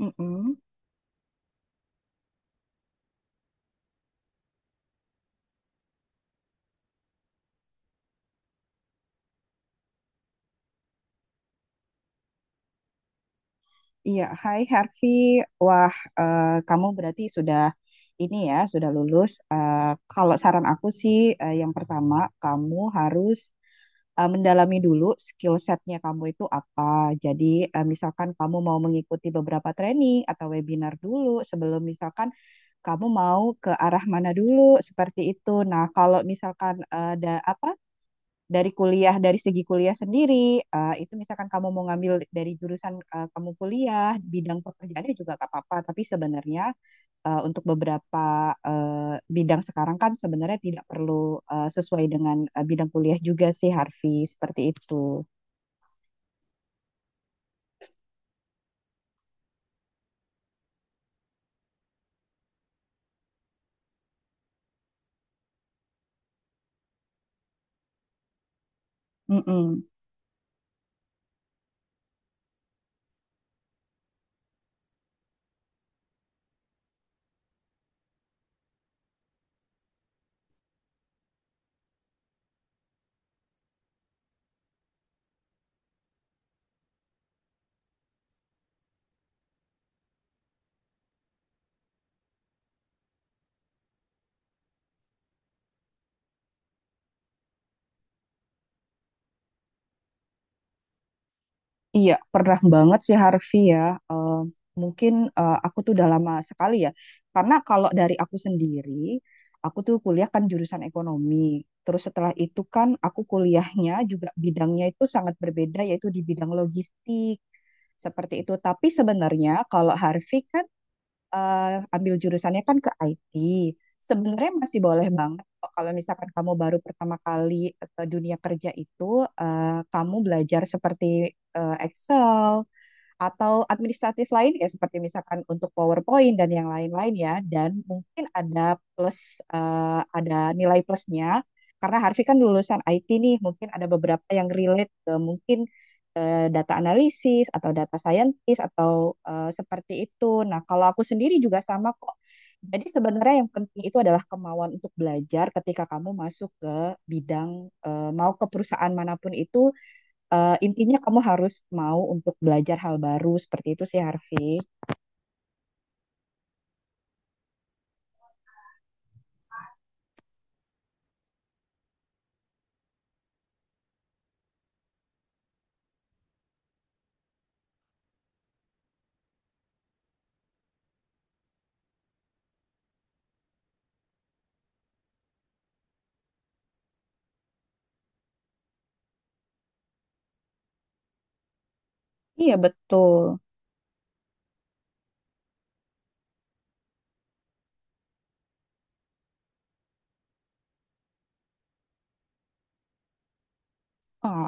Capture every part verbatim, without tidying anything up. Mm-mm. Iya, Hai Harvey. Wah, eh, kamu berarti sudah ini ya, sudah lulus. Eh, kalau saran aku sih, eh, yang pertama kamu harus eh, mendalami dulu skill setnya kamu itu apa. Jadi, eh, misalkan kamu mau mengikuti beberapa training atau webinar dulu sebelum misalkan kamu mau ke arah mana dulu seperti itu. Nah, kalau misalkan eh, ada apa dari kuliah dari segi kuliah sendiri eh, itu misalkan kamu mau ngambil dari jurusan eh, kamu kuliah bidang pekerjaannya juga gak apa-apa tapi sebenarnya eh, untuk beberapa eh, bidang sekarang kan sebenarnya tidak perlu eh, sesuai dengan eh, bidang kuliah juga sih Harvey seperti itu. Mm-mm. Iya, pernah banget sih Harvey ya. Eh, Mungkin eh, aku tuh udah lama sekali ya. Karena kalau dari aku sendiri, aku tuh kuliah kan jurusan ekonomi. Terus setelah itu kan aku kuliahnya juga bidangnya itu sangat berbeda yaitu di bidang logistik. Seperti itu. Tapi sebenarnya kalau Harvey kan eh, ambil jurusannya kan ke I T. Sebenarnya masih boleh banget kok kalau misalkan kamu baru pertama kali ke dunia kerja itu, eh, kamu belajar seperti eh, Excel, atau administratif lain ya seperti misalkan untuk PowerPoint dan yang lain-lain ya dan mungkin ada plus eh, ada nilai plusnya karena Harvey kan lulusan I T nih mungkin ada beberapa yang relate ke mungkin eh, data analisis atau data scientist atau eh, seperti itu. Nah, kalau aku sendiri juga sama kok. Jadi sebenarnya yang penting itu adalah kemauan untuk belajar ketika kamu masuk ke bidang eh, mau ke perusahaan manapun itu. Eh, intinya kamu harus mau untuk belajar hal baru seperti itu sih Harvey. Iya betul.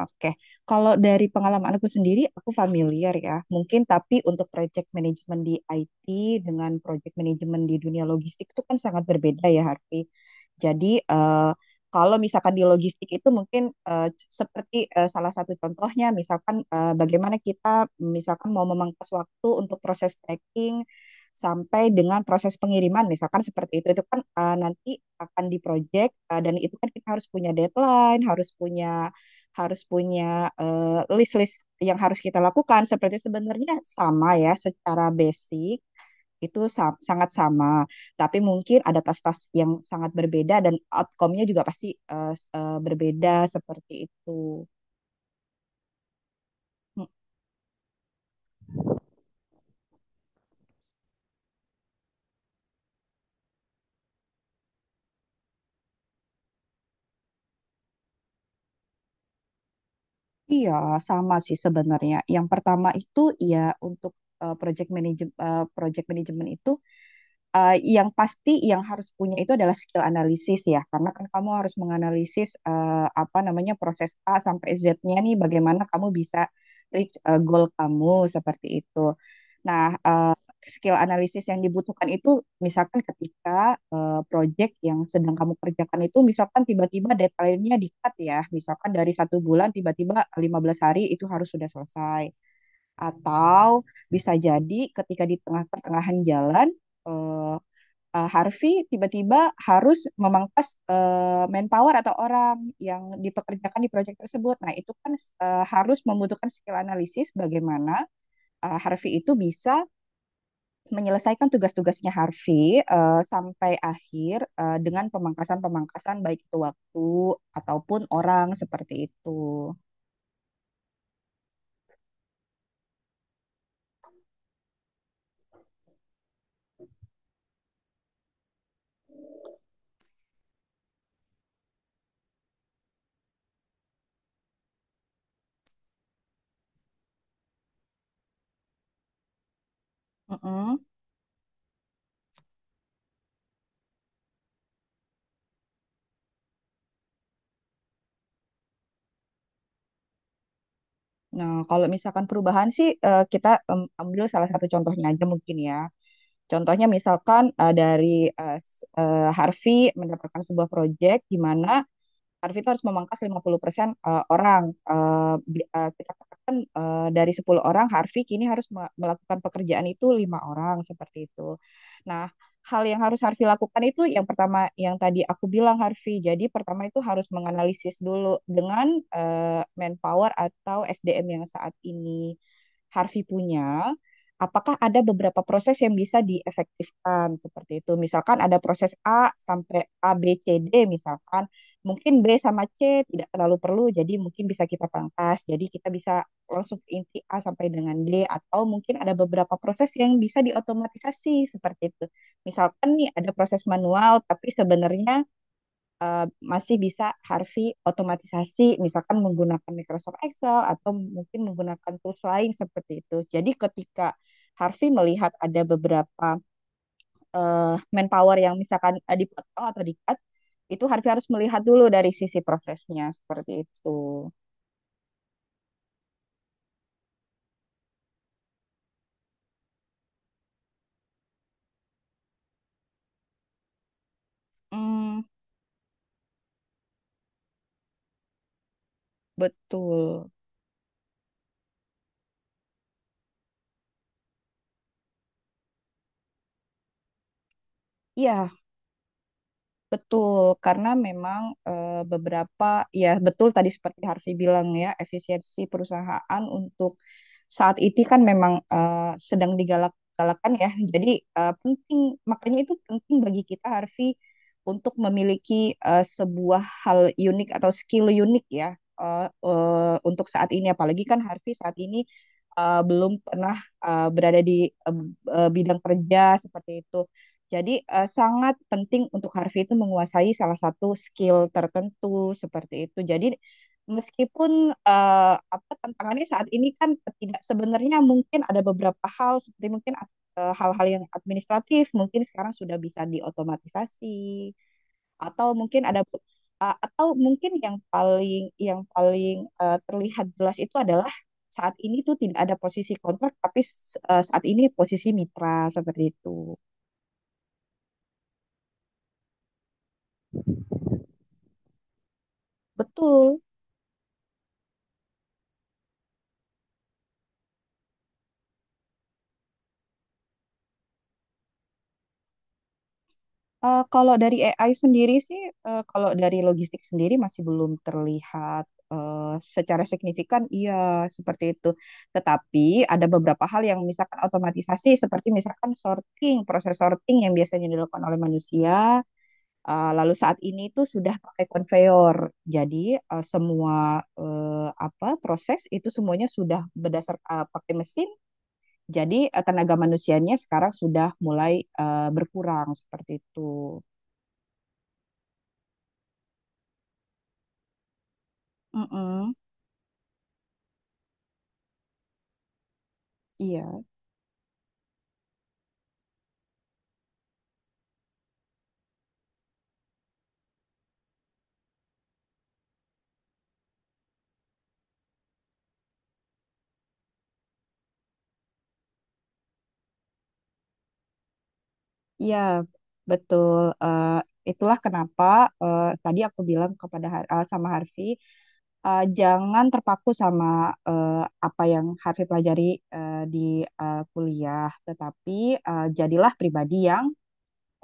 Oke, kalau dari pengalaman aku sendiri, aku familiar ya. Mungkin tapi untuk project management di I T dengan project management di dunia logistik itu kan sangat berbeda ya, Harvey. Jadi eh, kalau misalkan di logistik itu mungkin eh, seperti eh, salah satu contohnya, misalkan eh, bagaimana kita misalkan mau memangkas waktu untuk proses packing sampai dengan proses pengiriman, misalkan seperti itu. Itu kan eh, nanti akan di project eh, dan itu kan kita harus punya deadline, harus punya harus punya eh, list-list yang harus kita lakukan. Seperti sebenarnya sama ya, secara basic itu sa- sangat sama, tapi mungkin ada tas-tas yang sangat berbeda dan outcome-nya juga pasti eh, s- eh, berbeda seperti itu. Mm, Iya, sama sih sebenarnya. Yang pertama itu ya untuk eh, project manage eh, project management itu eh, yang pasti yang harus punya itu adalah skill analisis ya, karena kan kamu harus menganalisis eh, apa namanya proses A sampai Z-nya nih, bagaimana kamu bisa reach eh, goal kamu seperti itu. Nah, eh, skill analisis yang dibutuhkan itu misalkan ketika eh, project yang sedang kamu kerjakan itu misalkan tiba-tiba deadline-nya di-cut ya, misalkan dari satu bulan tiba-tiba lima belas hari itu harus sudah selesai. Atau bisa jadi ketika di tengah pertengahan jalan eh, eh, Harvey tiba-tiba harus memangkas eh, manpower atau orang yang dipekerjakan di proyek tersebut. Nah, itu kan eh, harus membutuhkan skill analisis bagaimana eh, Harvey itu bisa menyelesaikan tugas-tugasnya Harvey eh, sampai akhir eh, dengan pemangkasan-pemangkasan baik itu waktu ataupun orang seperti itu. Mm-mm. Nah, kalau misalkan perubahan sih eh, kita em, ambil salah satu contohnya aja mungkin ya. Contohnya misalkan eh, dari eh, s- eh, Harvey mendapatkan sebuah proyek di mana Arvita harus memangkas 50% persen eh, orang. Eh, bi- eh, kita katakan eh, dari sepuluh orang, Harvey kini harus me- melakukan pekerjaan itu lima orang seperti itu. Nah, hal yang harus Harvey lakukan itu yang pertama yang tadi aku bilang Harvey. Jadi pertama itu harus menganalisis dulu dengan eh, manpower atau S D M yang saat ini Harvey punya, apakah ada beberapa proses yang bisa diefektifkan seperti itu. Misalkan ada proses A sampai A, B, C, D misalkan. Mungkin B sama C tidak terlalu perlu, jadi mungkin bisa kita pangkas. Jadi kita bisa langsung ke inti A sampai dengan D, atau mungkin ada beberapa proses yang bisa diotomatisasi seperti itu. Misalkan nih ada proses manual, tapi sebenarnya masih bisa Harvey otomatisasi, misalkan menggunakan Microsoft Excel atau mungkin menggunakan tools lain seperti itu. Jadi ketika Harvey melihat ada beberapa eh, manpower yang misalkan eh, dipotong atau di-cut, itu Harvey harus melihat dulu dari sisi prosesnya seperti itu. Hmm, betul. Iya, betul. Karena memang eh, beberapa, ya betul tadi seperti Harvey bilang ya, efisiensi perusahaan untuk saat ini kan memang eh, sedang digalak-galakan ya. Jadi eh, penting, makanya itu penting bagi kita Harvey untuk memiliki eh, sebuah hal unik atau skill unik ya eh, eh, untuk saat ini. Apalagi kan Harvey saat ini eh, belum pernah eh, berada di eh, eh, bidang kerja seperti itu. Jadi eh, sangat penting untuk Harvey itu menguasai salah satu skill tertentu seperti itu. Jadi meskipun, eee, apa, tantangannya saat ini kan tidak sebenarnya mungkin ada beberapa hal seperti mungkin, eee, hal-hal yang administratif mungkin sekarang sudah bisa diotomatisasi atau mungkin ada be atau mungkin yang paling yang paling, eee, terlihat jelas itu adalah saat ini tuh tidak ada posisi kontrak tapi, s eh, saat ini posisi mitra, seperti itu. Betul. Eh, kalau dari A I sendiri sih, eh, kalau dari logistik sendiri masih belum terlihat eh, secara signifikan, iya seperti itu. Tetapi ada beberapa hal yang misalkan otomatisasi, seperti misalkan sorting, proses sorting yang biasanya dilakukan oleh manusia, eh, lalu saat ini itu sudah pakai konveyor. Jadi eh, semua eh, apa proses itu semuanya sudah berdasar eh, pakai mesin. Jadi eh, tenaga manusianya sekarang sudah mulai eh, berkurang seperti itu. Mm-mm, iya, iya, betul. Eh, Itulah kenapa eh, tadi aku bilang kepada Har- eh, sama Harvey, eh, jangan terpaku sama eh, apa yang Harvey pelajari eh, di eh, kuliah, tetapi eh, jadilah pribadi yang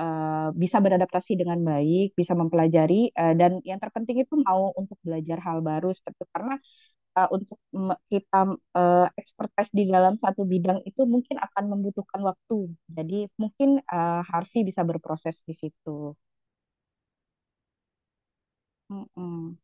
eh, bisa beradaptasi dengan baik, bisa mempelajari, eh, dan yang terpenting itu mau untuk belajar hal baru seperti karena uh, untuk me- kita uh, expertise di dalam satu bidang itu mungkin akan membutuhkan waktu. Jadi mungkin uh, Harvey bisa berproses di situ. Mm-mm.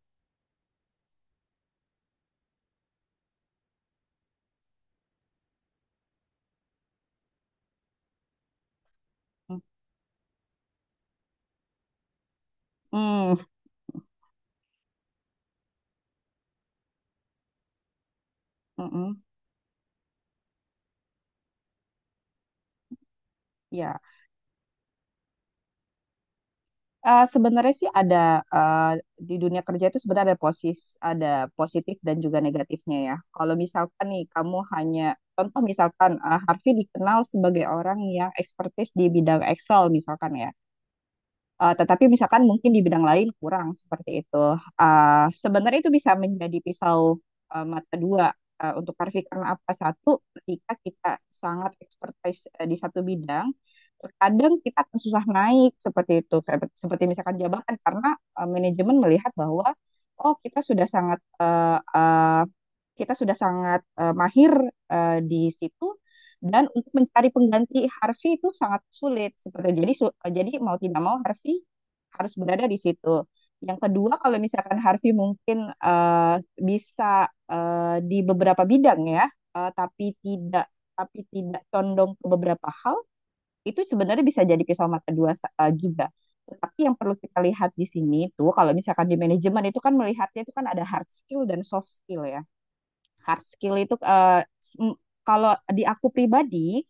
Mm-mm. Mm-mm. Ya, Eh, sebenarnya sih ada eh, di dunia kerja itu sebenarnya ada posis, ada positif dan juga negatifnya ya. Kalau misalkan nih kamu hanya contoh misalkan eh, Harvey dikenal sebagai orang yang ekspertis di bidang Excel misalkan ya. Eh, tetapi misalkan mungkin di bidang lain kurang seperti itu. Eh, sebenarnya itu bisa menjadi pisau eh, mata dua eh, untuk karena apa satu ketika kita sangat expertise eh, di satu bidang, terkadang kita akan susah naik seperti itu, seperti misalkan jabatan karena eh, manajemen melihat bahwa oh kita sudah sangat eh, eh, kita sudah sangat eh, mahir eh, di situ, dan untuk mencari pengganti Harvey itu sangat sulit seperti jadi su- jadi mau tidak mau Harvey harus berada di situ. Yang kedua kalau misalkan Harvey mungkin eh, bisa eh, di beberapa bidang ya, eh, tapi tidak tapi tidak condong ke beberapa hal, itu sebenarnya bisa jadi pisau mata dua sa- eh, juga. Tetapi yang perlu kita lihat di sini itu kalau misalkan di manajemen itu kan melihatnya itu kan ada hard skill dan soft skill ya. Hard skill itu eh, s- m- kalau di aku pribadi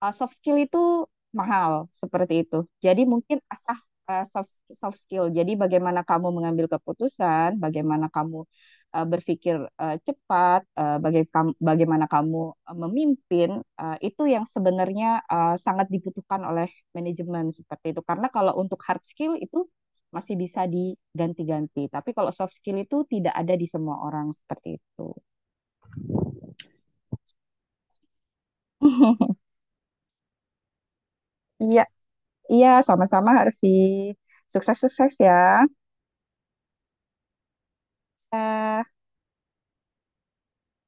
uh, soft skill itu mahal seperti itu. Jadi mungkin asah uh, soft soft skill. Jadi bagaimana kamu mengambil keputusan, bagaimana kamu uh, berpikir uh, cepat, uh, baga- bagaimana kamu uh, memimpin uh, itu yang sebenarnya uh, sangat dibutuhkan oleh manajemen seperti itu. Karena kalau untuk hard skill itu masih bisa diganti-ganti, tapi kalau soft skill itu tidak ada di semua orang seperti itu. Iya, iya, sama-sama Harvey. Sukses-sukses ya. Kak.